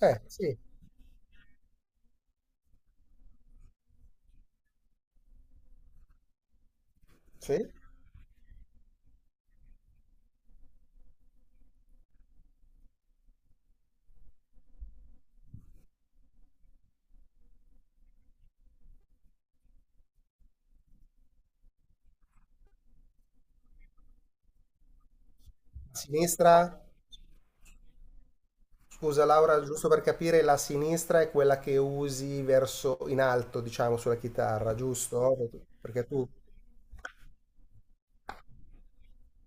Sì, sì. Sinistra, scusa Laura, giusto per capire, la sinistra è quella che usi verso in alto, diciamo, sulla chitarra, giusto? Perché tu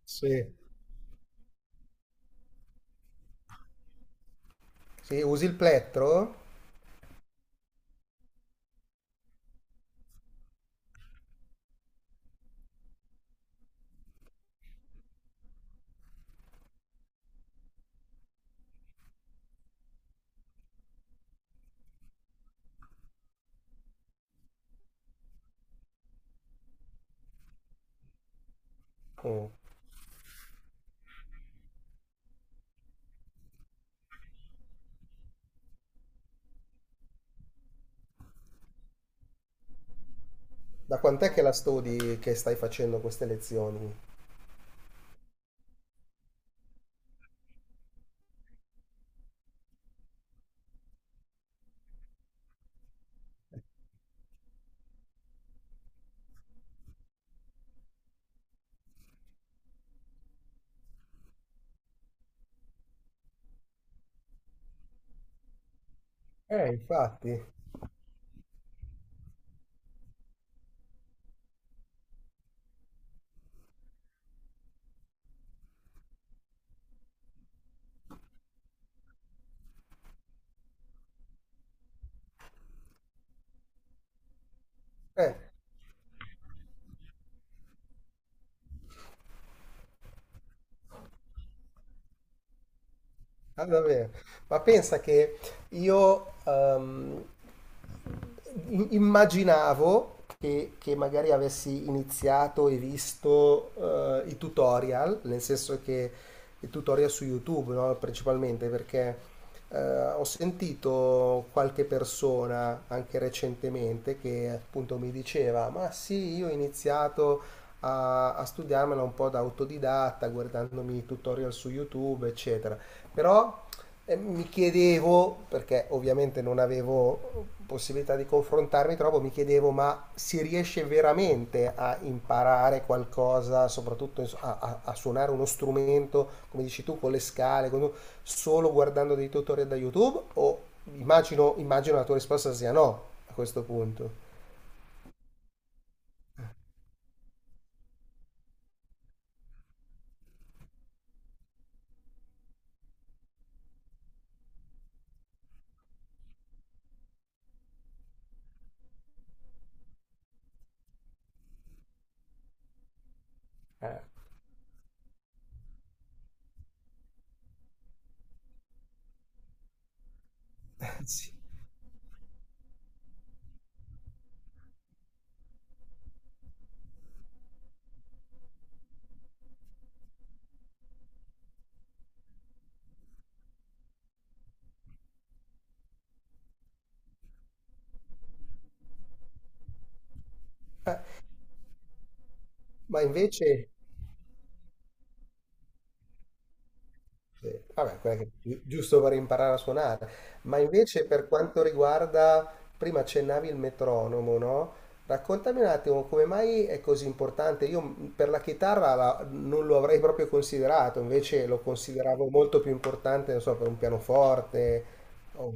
Sì. Sì, usi il plettro? Oh. Da quant'è che la studi, che stai facendo queste lezioni? Infatti. Eh. Ah, davvero. Ma pensa che io immaginavo che magari avessi iniziato e visto i tutorial, nel senso che i tutorial su YouTube, no, principalmente perché eh, ho sentito qualche persona anche recentemente che appunto mi diceva: Ma sì, io ho iniziato a studiarmela un po' da autodidatta, guardandomi tutorial su YouTube, eccetera. Però mi chiedevo, perché ovviamente non avevo possibilità di confrontarmi troppo, mi chiedevo ma si riesce veramente a imparare qualcosa, soprattutto a suonare uno strumento, come dici tu, con le scale, solo guardando dei tutorial da YouTube? O immagino la tua risposta sia no a questo punto. Eh, sì. Ma invece... Sì, vabbè, giusto per imparare a suonare, ma invece per quanto riguarda, prima accennavi il metronomo, no? Raccontami un attimo come mai è così importante. Io per la chitarra non lo avrei proprio considerato, invece lo consideravo molto più importante, non so, per un pianoforte. o-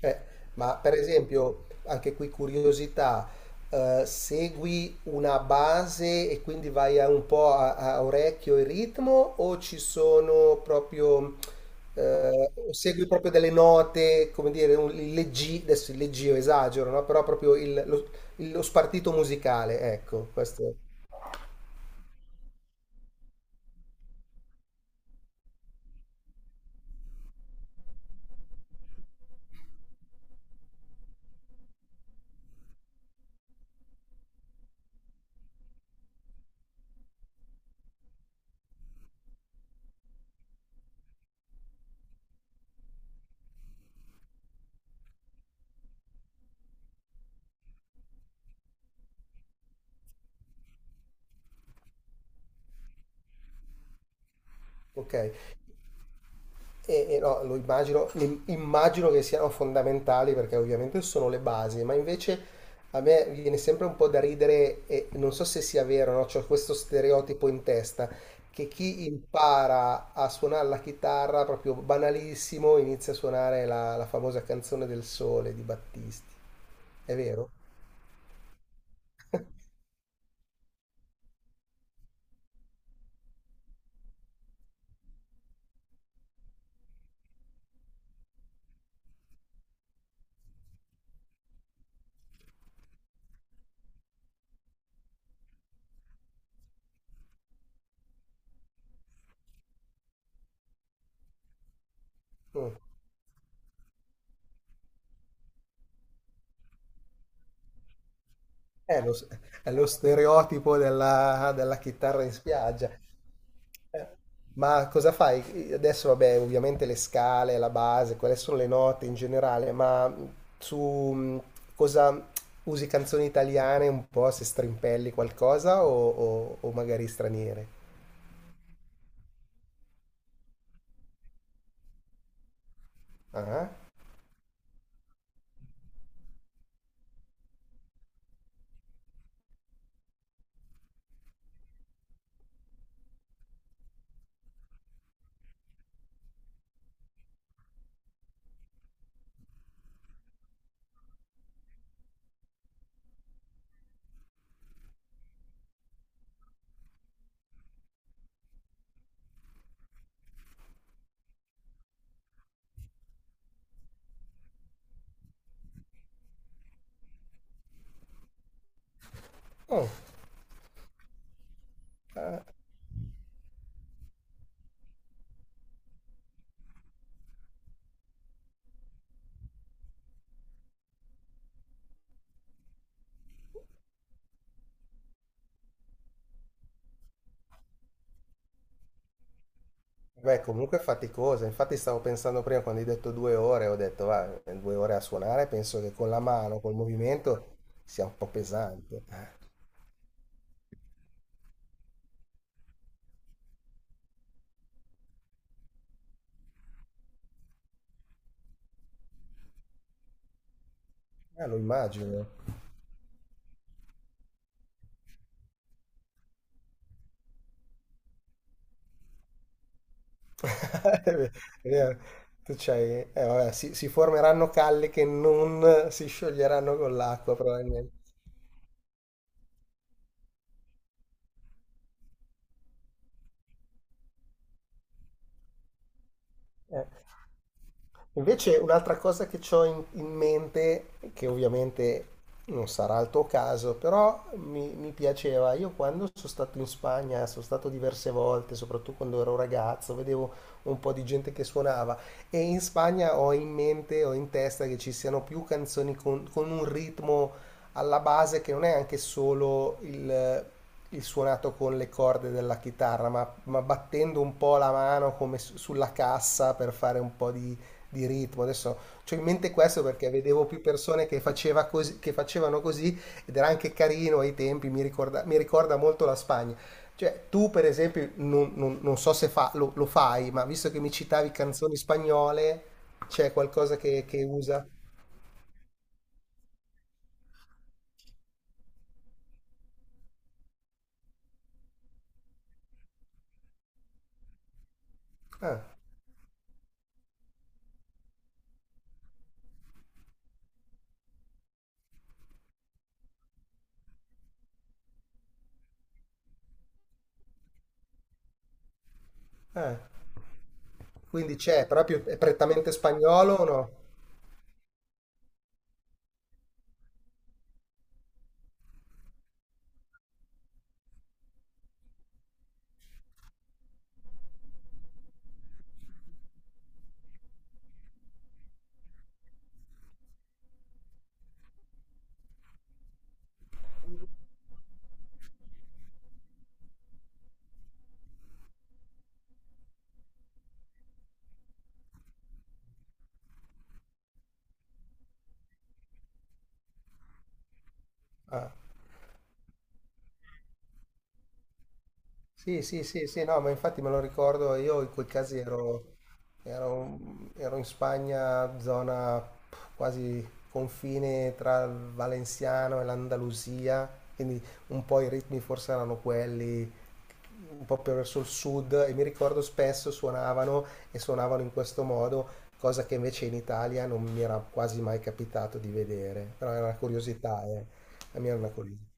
Eh, ma per esempio, anche qui curiosità, segui una base e quindi vai a un po' a orecchio e ritmo o ci sono proprio, o segui proprio delle note, come dire, adesso il leggio esagero, no? Però proprio lo spartito musicale, ecco, questo, ok. E no, lo immagino, immagino che siano fondamentali perché ovviamente sono le basi, ma invece a me viene sempre un po' da ridere e non so se sia vero, no? C'ho questo stereotipo in testa che chi impara a suonare la chitarra proprio banalissimo inizia a suonare la famosa canzone del sole di Battisti. È vero? Mm. È lo, s- è lo stereotipo della chitarra in spiaggia. Eh, Ma cosa fai? Adesso, vabbè, ovviamente le scale, la base, quelle sono le note in generale, ma su cosa usi canzoni italiane un po' se strimpelli qualcosa o magari straniere? Ah? Oh, beh, comunque è faticosa. Infatti stavo pensando prima quando hai detto 2 ore, ho detto va, 2 ore a suonare, penso che con la mano, col movimento sia un po' pesante. Lo immagino. È ve- è vero. Vabbè, si formeranno calle che non si scioglieranno con l'acqua, probabilmente. Eh. Invece un'altra cosa che ho in mente, che ovviamente non sarà il tuo caso, però mi piaceva, io quando sono stato in Spagna, sono stato diverse volte, soprattutto quando ero ragazzo, vedevo un po' di gente che suonava e in Spagna ho in mente, ho in testa che ci siano più canzoni con un ritmo alla base che non è anche solo il suonato con le corde della chitarra, ma battendo un po' la mano come sulla cassa per fare un po' di ritmo. Adesso ho in mente questo perché vedevo più persone che facevano così ed era anche carino ai tempi, mi ricorda molto la Spagna. Cioè, tu per esempio, non so se lo fai, ma visto che mi citavi canzoni spagnole, c'è qualcosa che usa? Ah, ah, quindi c'è, proprio è prettamente spagnolo o no? Ah. Sì, sì, sì, sì, no, ma infatti me lo ricordo, io in quei casi ero, ero in Spagna, zona quasi confine tra il Valenziano e l'Andalusia, quindi un po' i ritmi forse erano quelli, un po' più verso il sud, e mi ricordo spesso suonavano e suonavano in questo modo, cosa che invece in Italia non mi era quasi mai capitato di vedere, però era una curiosità, eh. La mia era una curiosità.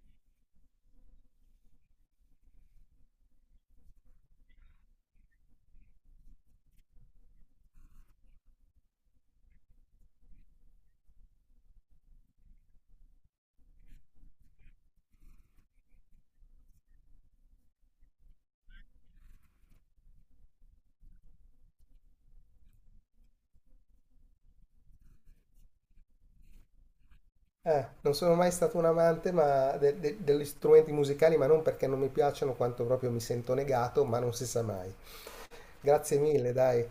Non sono mai stato un amante ma degli strumenti musicali, ma non perché non mi piacciono, quanto proprio mi sento negato, ma non si sa mai. Grazie mille, dai.